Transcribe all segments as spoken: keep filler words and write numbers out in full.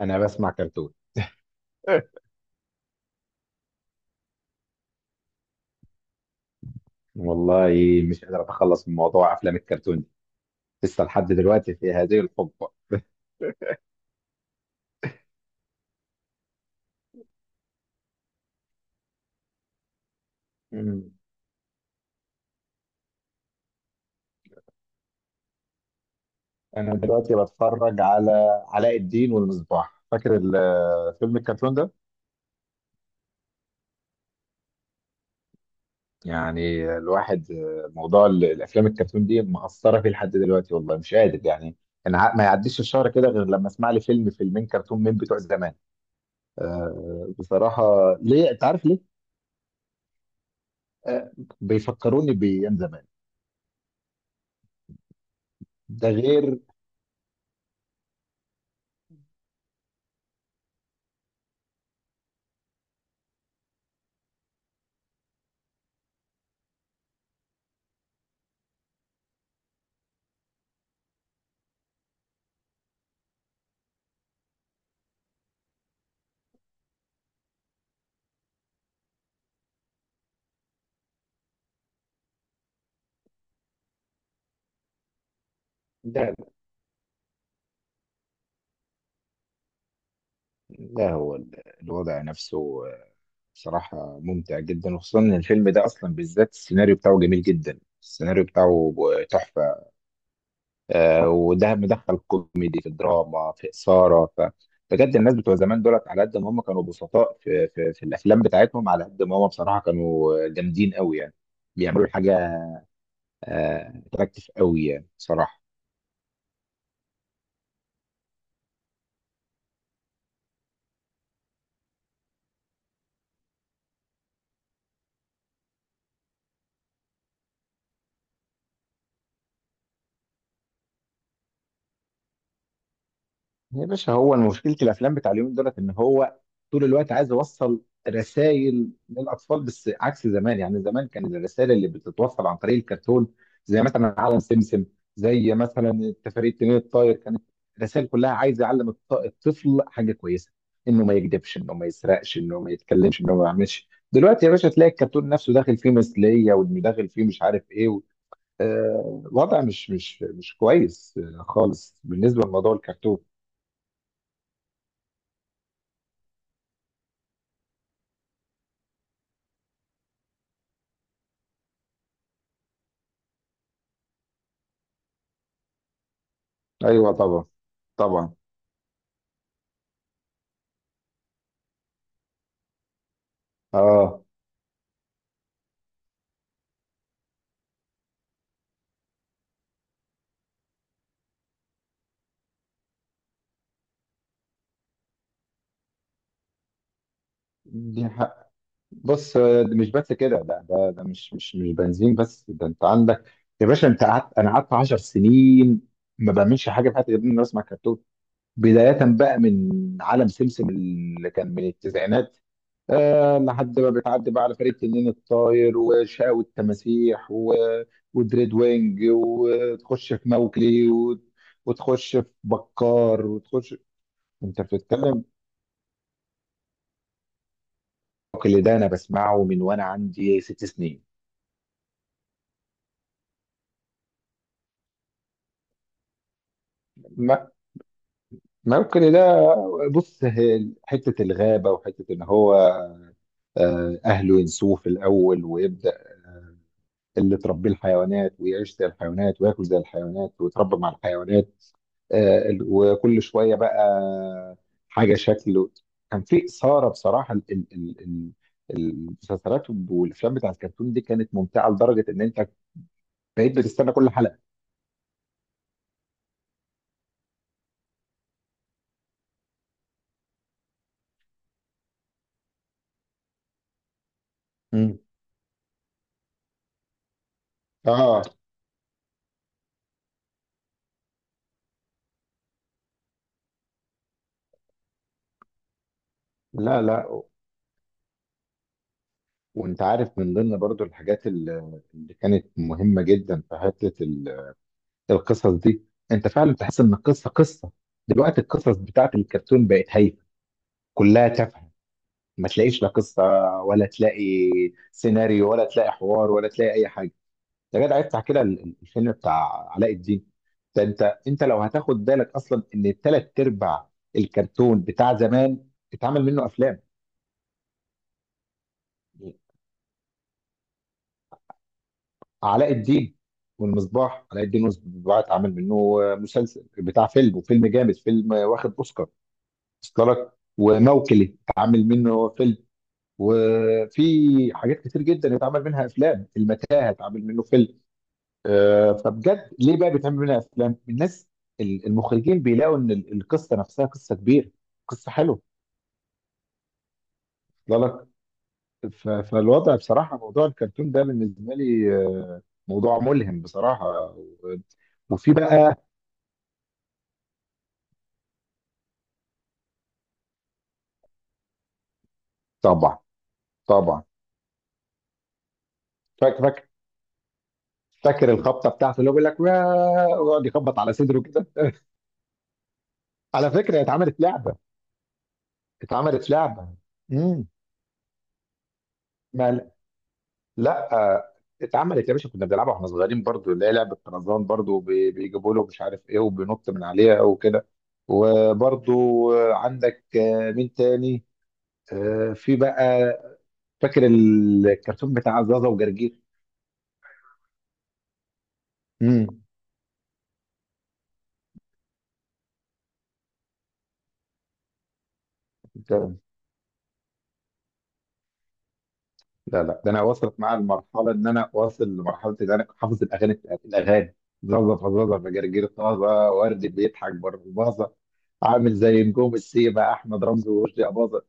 انا بسمع كرتون. والله مش قادر اتخلص من موضوع افلام الكرتون دي لسه لحد دلوقتي في هذه الحقبه. مم. انا دلوقتي بتفرج على علاء الدين والمصباح، فاكر ال- فيلم الكرتون ده؟ يعني الواحد موضوع ال- الافلام الكرتون دي مأثره فيه لحد دلوقتي، والله مش قادر يعني. انا ع- ما يعديش الشهر كده غير لما اسمع لي فيلم فيلمين كرتون من بتوع زمان. آه، بصراحه. ليه؟ انت عارف ليه؟ آه، بيفكروني بايام زمان. ده غير ده. لا هو ال- الوضع نفسه آه، صراحة ممتع جدا، وخصوصا ان الفيلم ده اصلا بالذات السيناريو بتاعه جميل جدا، السيناريو بتاعه تحفة. آه، وده مدخل كوميدي في دراما في إثارة. ف بجد الناس بتوع زمان دولت على قد ما هم كانوا بسطاء في, في, في الافلام بتاعتهم، على قد ما هم بصراحة كانوا جامدين قوي يعني. بيعملوا حاجة آه، اتراكتيف قوي يعني صراحة. يا باشا هو مشكلة الأفلام بتاع اليومين دولت إن هو طول الوقت عايز يوصل رسائل للأطفال، بس عكس زمان. يعني زمان كان الرسائل اللي بتتوصل عن طريق الكرتون زي مثلا عالم سمسم، زي مثلا التفاريد التنين الطاير، كانت الرسائل كلها عايز يعلم الط- الطفل حاجة كويسة. إنه ما يكذبش، إنه ما يسرقش، إنه ما يتكلمش، إنه ما يعملش. دلوقتي يا باشا تلاقي الكرتون نفسه داخل فيه مثلية، وإنه داخل فيه مش عارف إيه و... آه، وضع مش مش مش كويس آه، خالص بالنسبة لموضوع الكرتون. ايوه طبعا. طبعا. اه. دي حق. بص، آه، ده مش بس كده، ده ده, ده مش مش مش بنزين بس، ده انت عندك. يا باشا انت قعدت، انا قعدت عشر سنين ما بعملش حاجه في حياتي غير اني بسمع كرتون. بدايه بقى من عالم سمسم اللي كان من التسعينات، آه، لحد ما بتعدي بقى على فريق تنين الطاير وشاو التماسيح و... ودريد وينج، وتخش في موكلي و... وتخش في بكار وتخش. انت بتتكلم. الموكل ده انا بسمعه من وانا عندي ست سنين. ما- الموكل ده، بص، هي حته الغابه وحته ان هو آه، اهله ينسوه في الاول، ويبدا اللي تربيه الحيوانات، ويعيش زي الحيوانات، وياكل زي الحيوانات، ويتربى مع الحيوانات. آه، ال- وكل شويه بقى حاجه شكله. كان في اثاره بصراحه. ال- ال- ال- ال- المسلسلات والافلام بتاع الكرتون دي كانت ممتعه لدرجه ان انت بقيت بتستنى كل حلقه. مم. اه. لا لا، وانت عارف من ضمن برضو الحاجات اللي اللي كانت مهمة جدا في حتة ال- القصص دي، انت فعلا تحس ان القصة قصة. دلوقتي القصص بتاعت الكرتون بقت هايفة، كلها تافهة، ما تلاقيش لا قصة ولا تلاقي سيناريو ولا تلاقي حوار ولا تلاقي اي حاجة. يا جدع افتح كده ال- ال- الفيلم بتاع علاء الدين ده. انت، انت لو هتاخد بالك اصلا ان ثلاث ارباع الكرتون بتاع زمان اتعمل منه افلام. علاء الدين والمصباح، علاء الدين والمصباح اتعمل منه مسلسل بتاع فيلم، وفيلم جامد، فيلم واخد اوسكار. اوسكار لك. وموكلي اتعمل منه فيلم، وفي حاجات كتير جدا اتعمل منها افلام. المتاهه اتعمل منه فيلم. آه، فبجد ليه بقى بيتعمل منها افلام الناس؟ ال- المخرجين بيلاقوا ان ال- القصه نفسها قصه كبيره، قصه حلوه، واصله لك. ف- فالوضع بصراحه موضوع الكرتون ده بالنسبه لي آه، موضوع ملهم بصراحه. و- وفي بقى. طبعا. طبعا. فاكر، فاكر. فاكر الخبطه بتاعته اللي هو بيقول لك "واه!" ويقعد يخبط على صدره كده على فكره هي اتعملت لعبه. اتعملت لعبه. امم. ما، لا آه، اتعملت يا باشا. كنا بنلعبها واحنا صغيرين برضو، اللي هي لعبه طرزان برضو، بي- بيجيبوا له مش عارف ايه وبينط من عليها وكده. وبرضو آه، عندك آه، مين تاني؟ آه، في بقى فاكر الكرتون بتاع زازا وجرجير. امم. لا لا، ده انا وصلت معايا المرحله ان انا واصل لمرحله ان انا حافظ الاغاني بتاعت- الاغاني: زازا فزازا فجرجير طازه ورد بيضحك برباظه. عامل زي نجوم السيبه احمد رمزي ورشدي اباظه.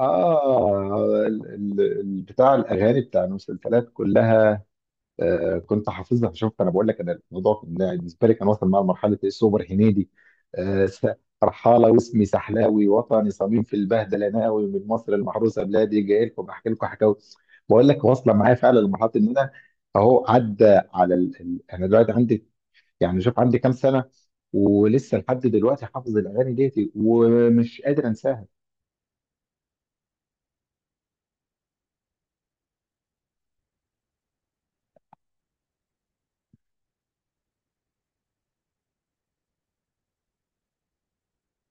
اه ال- ال- ال- بتاع الاغاني بتاع المسلسلات كلها آه، كنت حافظها. شفت، انا بقول لك انا الموضوع كان بالنسبه لي كان واصل مع مرحله ايه سوبر هنيدي. آه، س- رحاله واسمي سحلاوي، وطني صميم في البهدله ناوي، من مصر المحروسه بلادي جاي لكم بحكي لكم حكاوي. بقول لك واصله معايا فعلا لمرحله ان انا اهو عدى على ال... ال- انا دلوقتي عندي، يعني شوف عندي كام سنه، ولسه لحد دلوقتي حافظ الاغاني ديتي ومش قادر انساها.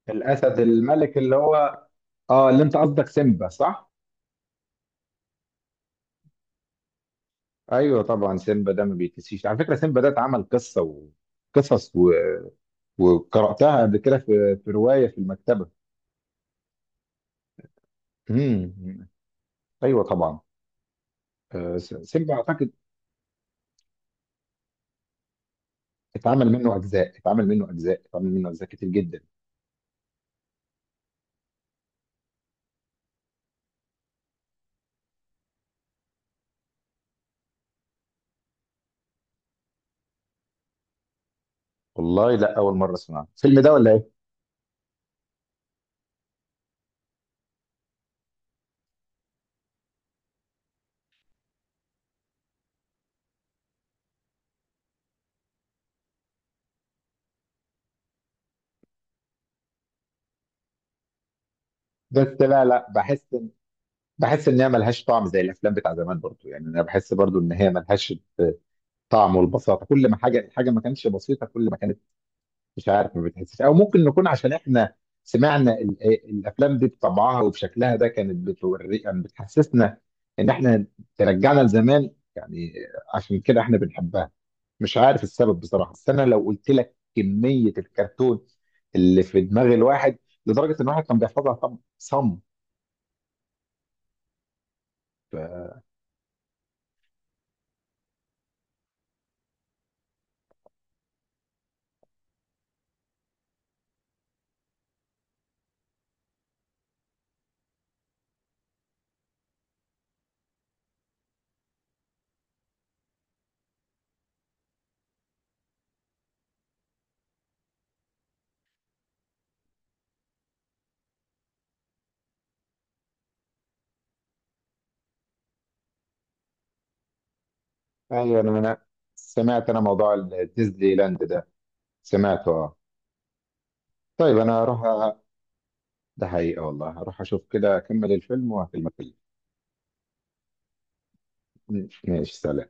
الاسد الملك اللي هو اه، اللي انت قصدك سيمبا صح؟ ايوه طبعا. سيمبا ده ما بيتنسيش على فكره. سيمبا ده اتعمل قصه وقصص و... وقراتها قبل كده في... في روايه في المكتبه. امم. ايوه طبعا. آه، س- سيمبا اعتقد اتعمل منه اجزاء، اتعمل منه اجزاء، اتعمل منه اجزاء كتير جدا. والله لا، اول مره اسمع الفيلم ده ولا ايه. بس لا لا، بحس إن... بحس ان هي ملهاش طعم زي الافلام بتاع زمان برضو. يعني انا بحس برضو ان هي ملهاش آه، طعم. والبساطه، كل ما حاجه، حاجه ما كانتش بسيطه، كل ما كانت مش عارف ما بتحسش، او ممكن نكون عشان احنا سمعنا ال- الافلام دي بطبعها وبشكلها ده، كانت بتوري يعني، بتحسسنا ان احنا ترجعنا لزمان يعني، عشان كده احنا بنحبها. مش عارف السبب بصراحه، بس انا لو قلت لك كميه الكرتون اللي في دماغ الواحد، لدرجه ان الواحد كان بيحفظها طب صم. ايوه انا، أنا سمعت انا موضوع الديزني لاند ده، سمعته اه. طيب انا هروح أ- ده حقيقه والله، هروح اشوف كده، اكمل الفيلم واكلمك. ماشي، سلام.